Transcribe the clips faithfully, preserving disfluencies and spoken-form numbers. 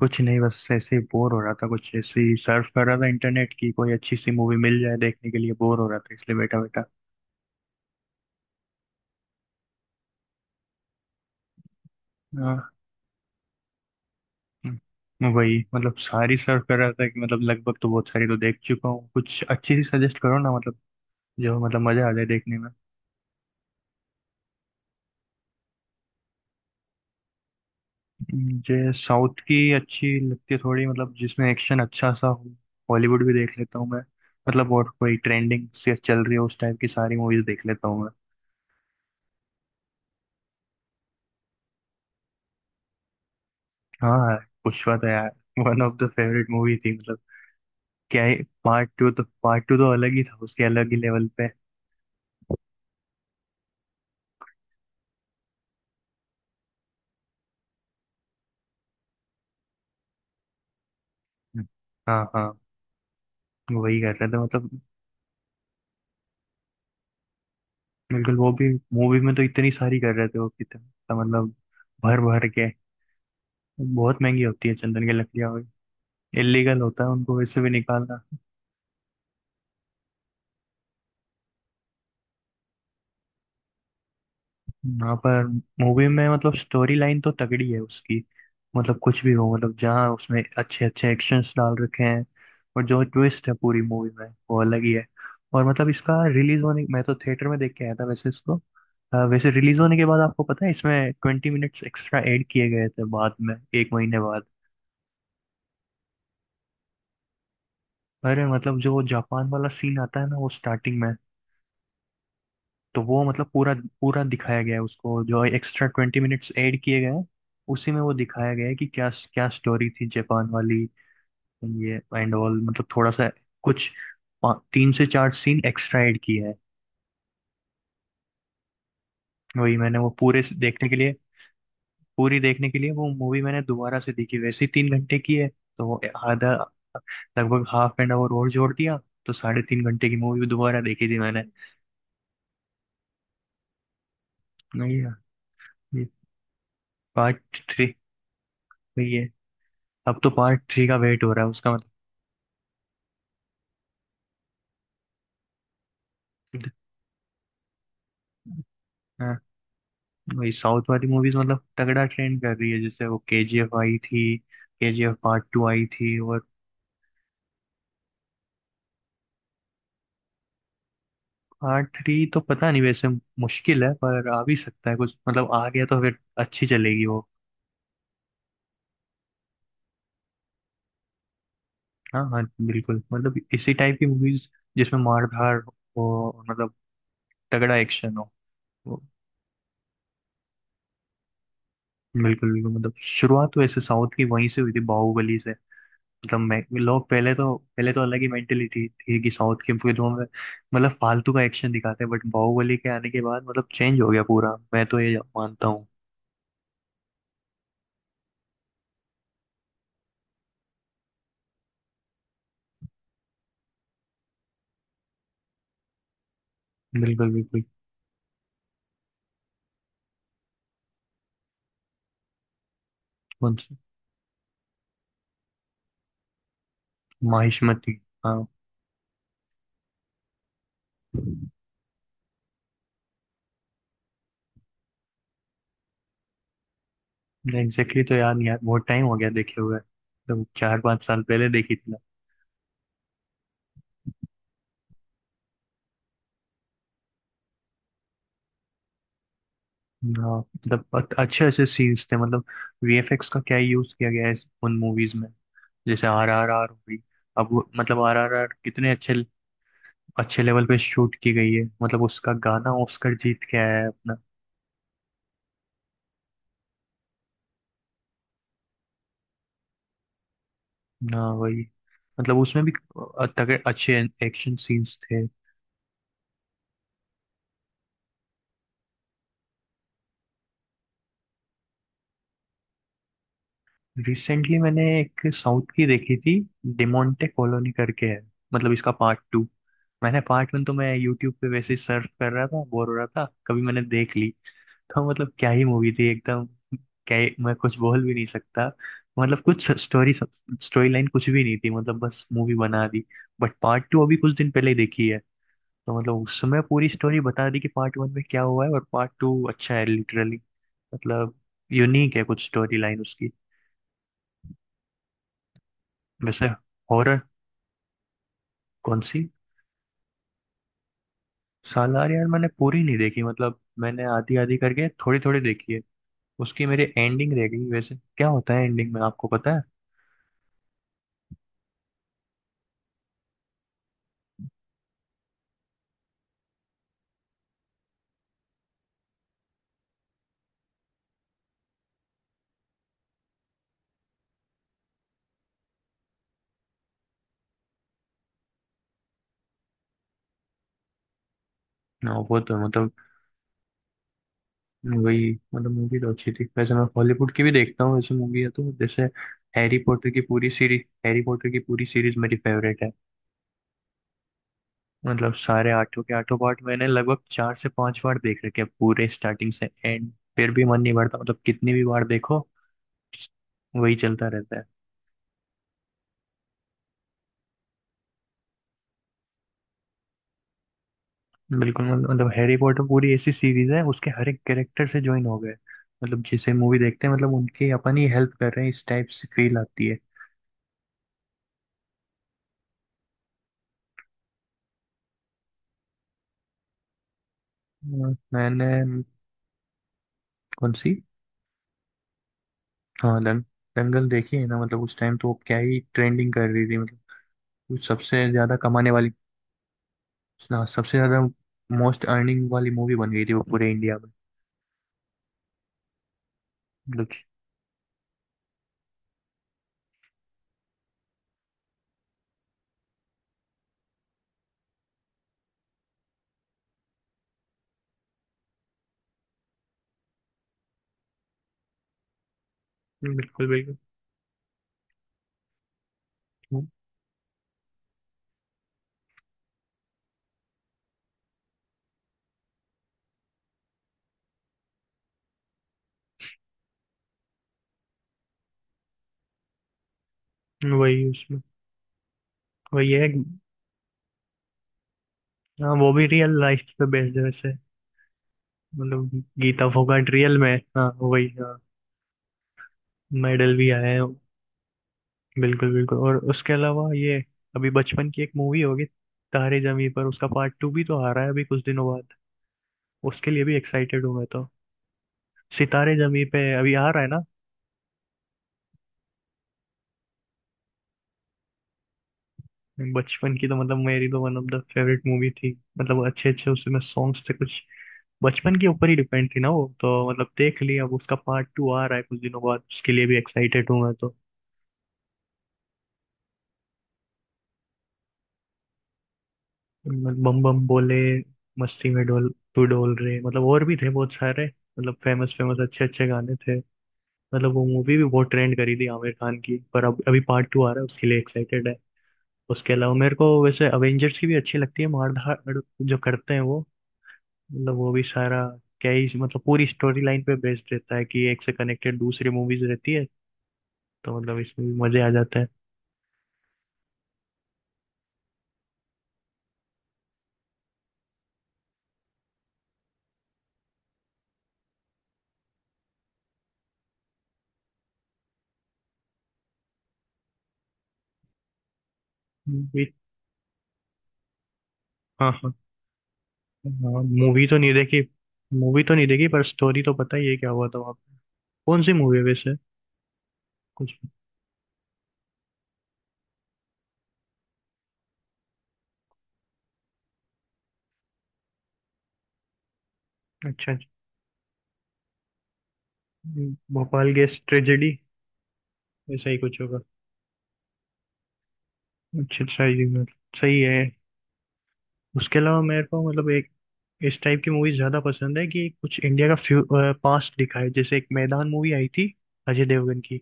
कुछ नहीं, बस ऐसे ही बोर हो रहा था। कुछ ऐसे ही सर्फ कर रहा था इंटरनेट की। कोई अच्छी सी मूवी मिल जाए देखने के लिए, बोर हो रहा था इसलिए बैठा बैठा। हाँ। हम्म, वही मतलब सारी सर्फ कर रहा था कि मतलब लगभग तो बहुत सारी तो देख चुका हूँ। कुछ अच्छी सी सजेस्ट करो ना मतलब, जो मतलब मजा आ जाए देखने में। मुझे साउथ की अच्छी लगती है थोड़ी, मतलब जिसमें एक्शन अच्छा सा हो। हॉलीवुड भी देख लेता हूँ मैं। मतलब और कोई ट्रेंडिंग से चल रही है उस टाइप की, सारी मूवीज देख लेता हूँ मैं। हाँ। पुष्पा तो यार one of the favourite movie थी मतलब। क्या है, पार्ट टू तो पार्ट टू तो अलग ही था, उसके अलग ही लेवल पे। हम्म। हाँ हाँ, वही कर रहे थे मतलब। बिल्कुल, वो भी मूवी में तो इतनी सारी कर रहे थे वो, कितना मतलब भर भर के। बहुत महंगी होती है चंदन की लकड़ियाँ। इलीगल होता है उनको वैसे भी निकालना। यहाँ पर मूवी में मतलब स्टोरी लाइन तो तगड़ी है उसकी। मतलब कुछ भी हो, मतलब जहाँ उसमें अच्छे अच्छे एक्शंस डाल रखे हैं। और जो ट्विस्ट है पूरी मूवी में वो अलग ही है। और मतलब इसका रिलीज होने, मैं तो थिएटर में देख के आया था वैसे इसको। अ, वैसे रिलीज होने के बाद आपको पता है इसमें ट्वेंटी मिनट्स एक्स्ट्रा ऐड किए गए थे, बाद में एक महीने बाद। अरे मतलब जो जापान वाला सीन आता है ना वो स्टार्टिंग में, तो वो मतलब पूरा पूरा दिखाया गया है उसको, जो एक्स्ट्रा ट्वेंटी मिनट्स ऐड किए गए हैं उसी में वो दिखाया गया है कि क्या क्या स्टोरी थी जापान वाली। ये एंड ऑल मतलब थोड़ा सा कुछ पा- तीन से चार सीन एक्स्ट्रा ऐड किया है। वही मैंने वो पूरे से देखने के लिए, पूरी देखने के लिए वो मूवी मैंने दोबारा से देखी। वैसे ही तीन घंटे की है तो वो आधा, लगभग हाफ एन आवर और जोड़ दिया, तो साढ़े तीन घंटे की मूवी दोबारा देखी थी मैंने। नहीं यार, ये पार्ट थ्री वही है। अब तो पार्ट थ्री का वेट हो रहा है उसका मतलब। हाँ, वही साउथ वाली मूवीज मतलब तगड़ा ट्रेंड कर रही है। जैसे वो के जी एफ आई थी, केजीएफ पार्ट टू आई थी। और पार्ट थ्री तो पता नहीं वैसे, मुश्किल है, पर आ भी सकता है कुछ मतलब। आ गया तो फिर अच्छी चलेगी वो। हाँ हाँ बिल्कुल, मतलब इसी टाइप की मूवीज जिसमें मार धाड़ हो, और मतलब तगड़ा एक्शन हो वो। बिल्कुल बिल्कुल, मतलब शुरुआत तो ऐसे साउथ की वहीं से हुई थी, बाहुबली से। मतलब मैं, लोग पहले तो पहले तो अलग ही मेंटेलिटी थी कि साउथ की फिल्मों में मतलब फालतू का एक्शन दिखाते हैं। बट बाहुबली के आने के बाद मतलब चेंज हो गया पूरा, मैं तो ये मानता हूँ। बिल्कुल बिल्कुल। कौन सी? माहिष्मती। हाँ। एग्जैक्टली तो याद नहीं यार, बहुत टाइम हो गया देखे हुए, तो चार पाँच साल पहले देखी थी। हाँ मतलब अ- अच्छे अच्छे सीन्स थे मतलब। वी एफ एक्स का क्या यूज किया गया है इस- उन मूवीज में। जैसे आर आर आर हुई, अब वो- मतलब आर आर आर कितने अच्छे अच्छे लेवल पे शूट की गई है। मतलब उसका गाना ऑस्कर जीत के आया है अपना। ना वही, मतलब उसमें भी अ- तगड़े अच्छे एक्शन सीन्स थे। रिसेंटली मैंने एक साउथ की देखी थी, डिमोंटे कॉलोनी करके है, मतलब इसका पार्ट टू। मैंने पार्ट वन तो मैं यूट्यूब पे वैसे ही सर्च कर रहा था, बोर हो रहा था कभी, मैंने देख ली। तो मतलब क्या ही मूवी थी एकदम, क्या ही- मैं कुछ बोल भी नहीं सकता। मतलब कुछ स्टोरी, स्टोरी लाइन कुछ भी नहीं थी, मतलब बस मूवी बना दी। बट पार्ट टू अभी कुछ दिन पहले ही देखी है, तो मतलब उस समय पूरी स्टोरी बता दी कि पार्ट वन में क्या हुआ है, और पार्ट टू अच्छा है लिटरली। मतलब यूनिक है कुछ स्टोरी लाइन उसकी। वैसे हॉरर। कौन सी? सालार यार मैंने पूरी नहीं देखी, मतलब मैंने आधी आधी करके थोड़ी थोड़ी देखी है। उसकी मेरी एंडिंग रह गई, वैसे क्या होता है एंडिंग में आपको पता है? ना वो तो मतलब, वही मतलब मूवी तो अच्छी थी। वैसे मैं हॉलीवुड की भी देखता हूँ, वैसे मूवी है तो जैसे हैरी पॉटर की पूरी सीरीज हैरी पॉटर की पूरी सीरीज मेरी फेवरेट है। मतलब सारे आठों के आठों पार्ट मैंने लगभग चार से पांच बार देख रखे हैं, पूरे स्टार्टिंग से एंड। फिर भी मन नहीं भरता, मतलब कितनी भी बार देखो वही चलता रहता है। बिल्कुल, मतलब हैरी पॉटर पूरी ऐसी सीरीज है उसके हर एक कैरेक्टर से ज्वाइन हो गए। मतलब जैसे मूवी देखते हैं, मतलब उनकी अपन ही हेल्प कर रहे हैं इस टाइप से फील आती है। अ, मैंने? कौन सी? हाँ दंग दंगल देखी है ना। मतलब उस टाइम तो वो क्या ही ट्रेंडिंग कर रही थी मतलब, वो सबसे ज्यादा कमाने वाली, स- सबसे ज्यादा मोस्ट अर्निंग वाली मूवी बन गई थी वो, पूरे इंडिया में। मतलब कि- बिल्कुल बिल्कुल। हम्म, वही उसमें, वही है। हाँ वो भी रियल लाइफ पे बेस्ड है वैसे। मतलब गीता फोगाट रियल में है। हाँ वही हाँ। मेडल भी आए हैं। बिल्कुल बिल्कुल। और उसके अलावा ये अभी बचपन की एक मूवी होगी, तारे जमी पर, उसका पार्ट टू भी तो आ रहा है अभी कुछ दिनों बाद, उसके लिए भी एक्साइटेड हूँ मैं तो। सितारे जमी पे अभी आ रहा है ना। बचपन की तो मतलब मेरी तो one of the favourite movie थी। मतलब अच्छे अच्छे उसमें सॉन्ग्स थे कुछ, बचपन के ऊपर ही डिपेंड थी ना वो तो मतलब। देख लिया, अब उसका पार्ट टू आ रहा है कुछ दिनों बाद, उसके लिए भी एक्साइटेड हूँ मैं तो। मतलब बम बम बोले, मस्ती में डोल, तू डोल रे, मतलब और भी थे बहुत सारे, मतलब फेमस फेमस अच्छे अच्छे गाने थे। मतलब वो मूवी भी बहुत ट्रेंड करी थी आमिर खान की, पर अब अभी पार्ट टू आ रहा है उसके लिए एक्साइटेड है। उसके अलावा मेरे को वैसे अवेंजर्स की भी अच्छी लगती है, मार धाड़ जो करते हैं वो। मतलब वो भी सारा क्या ही मतलब पूरी स्टोरी लाइन पे बेस्ड रहता है, कि एक से कनेक्टेड दूसरी मूवीज रहती है। तो मतलब इसमें भी मजे आ जाते हैं। मूवी, हाँ हाँ। हाँ, मूवी तो नहीं देखी मूवी तो नहीं देखी, पर स्टोरी तो पता ही है क्या हुआ था वहाँ पे। कौन सी मूवी है वैसे? कुछ। अच्छा अच्छा। भोपाल गैस ट्रेजेडी ऐसा ही कुछ होगा। अच्छा अच्छा, ये मतलब सही है। उसके अलावा मेरे को मतलब एक इस टाइप की मूवी ज्यादा पसंद है कि कुछ इंडिया का फ्यू पास्ट दिखाए। जैसे एक मैदान मूवी आई थी अजय देवगन की,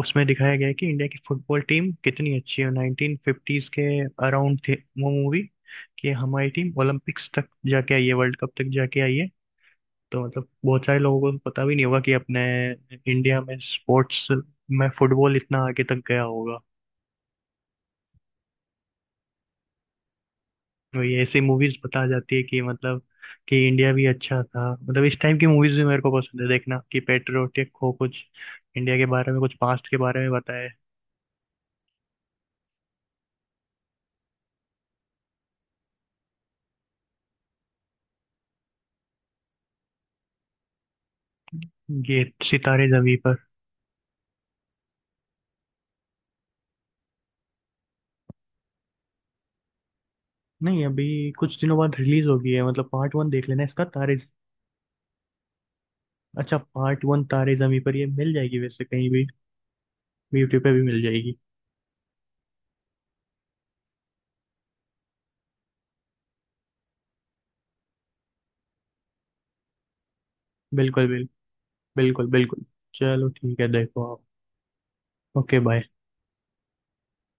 उसमें दिखाया गया है कि इंडिया की फुटबॉल टीम कितनी अच्छी है। नाइनटीन फिफ्टीज के अराउंड थे वो मूवी, कि हमारी टीम ओलंपिक्स तक जाके आई है, वर्ल्ड कप तक जाके आई है। तो मतलब बहुत सारे लोगों को पता भी नहीं होगा कि अपने इंडिया में स्पोर्ट्स में फुटबॉल इतना आगे तक गया होगा। वही ऐसे मूवीज बता जाती है कि मतलब कि इंडिया भी अच्छा था। मतलब इस टाइम की मूवीज भी मेरे को पसंद है देखना, कि पेट्रियोटिक हो कुछ, इंडिया के बारे में कुछ पास्ट के बारे में बताए। ये, सितारे जमी पर। नहीं, अभी कुछ दिनों बाद रिलीज होगी है, मतलब पार्ट वन देख लेना इसका, तारे। अच्छा, पार्ट वन तारे जमी पर ये मिल जाएगी वैसे कहीं भी, यूट्यूब पे भी मिल जाएगी। बिल्कुल बिल्कुल, बिल्कुल बिल्कुल। चलो ठीक है, देखो आप। Okay bye.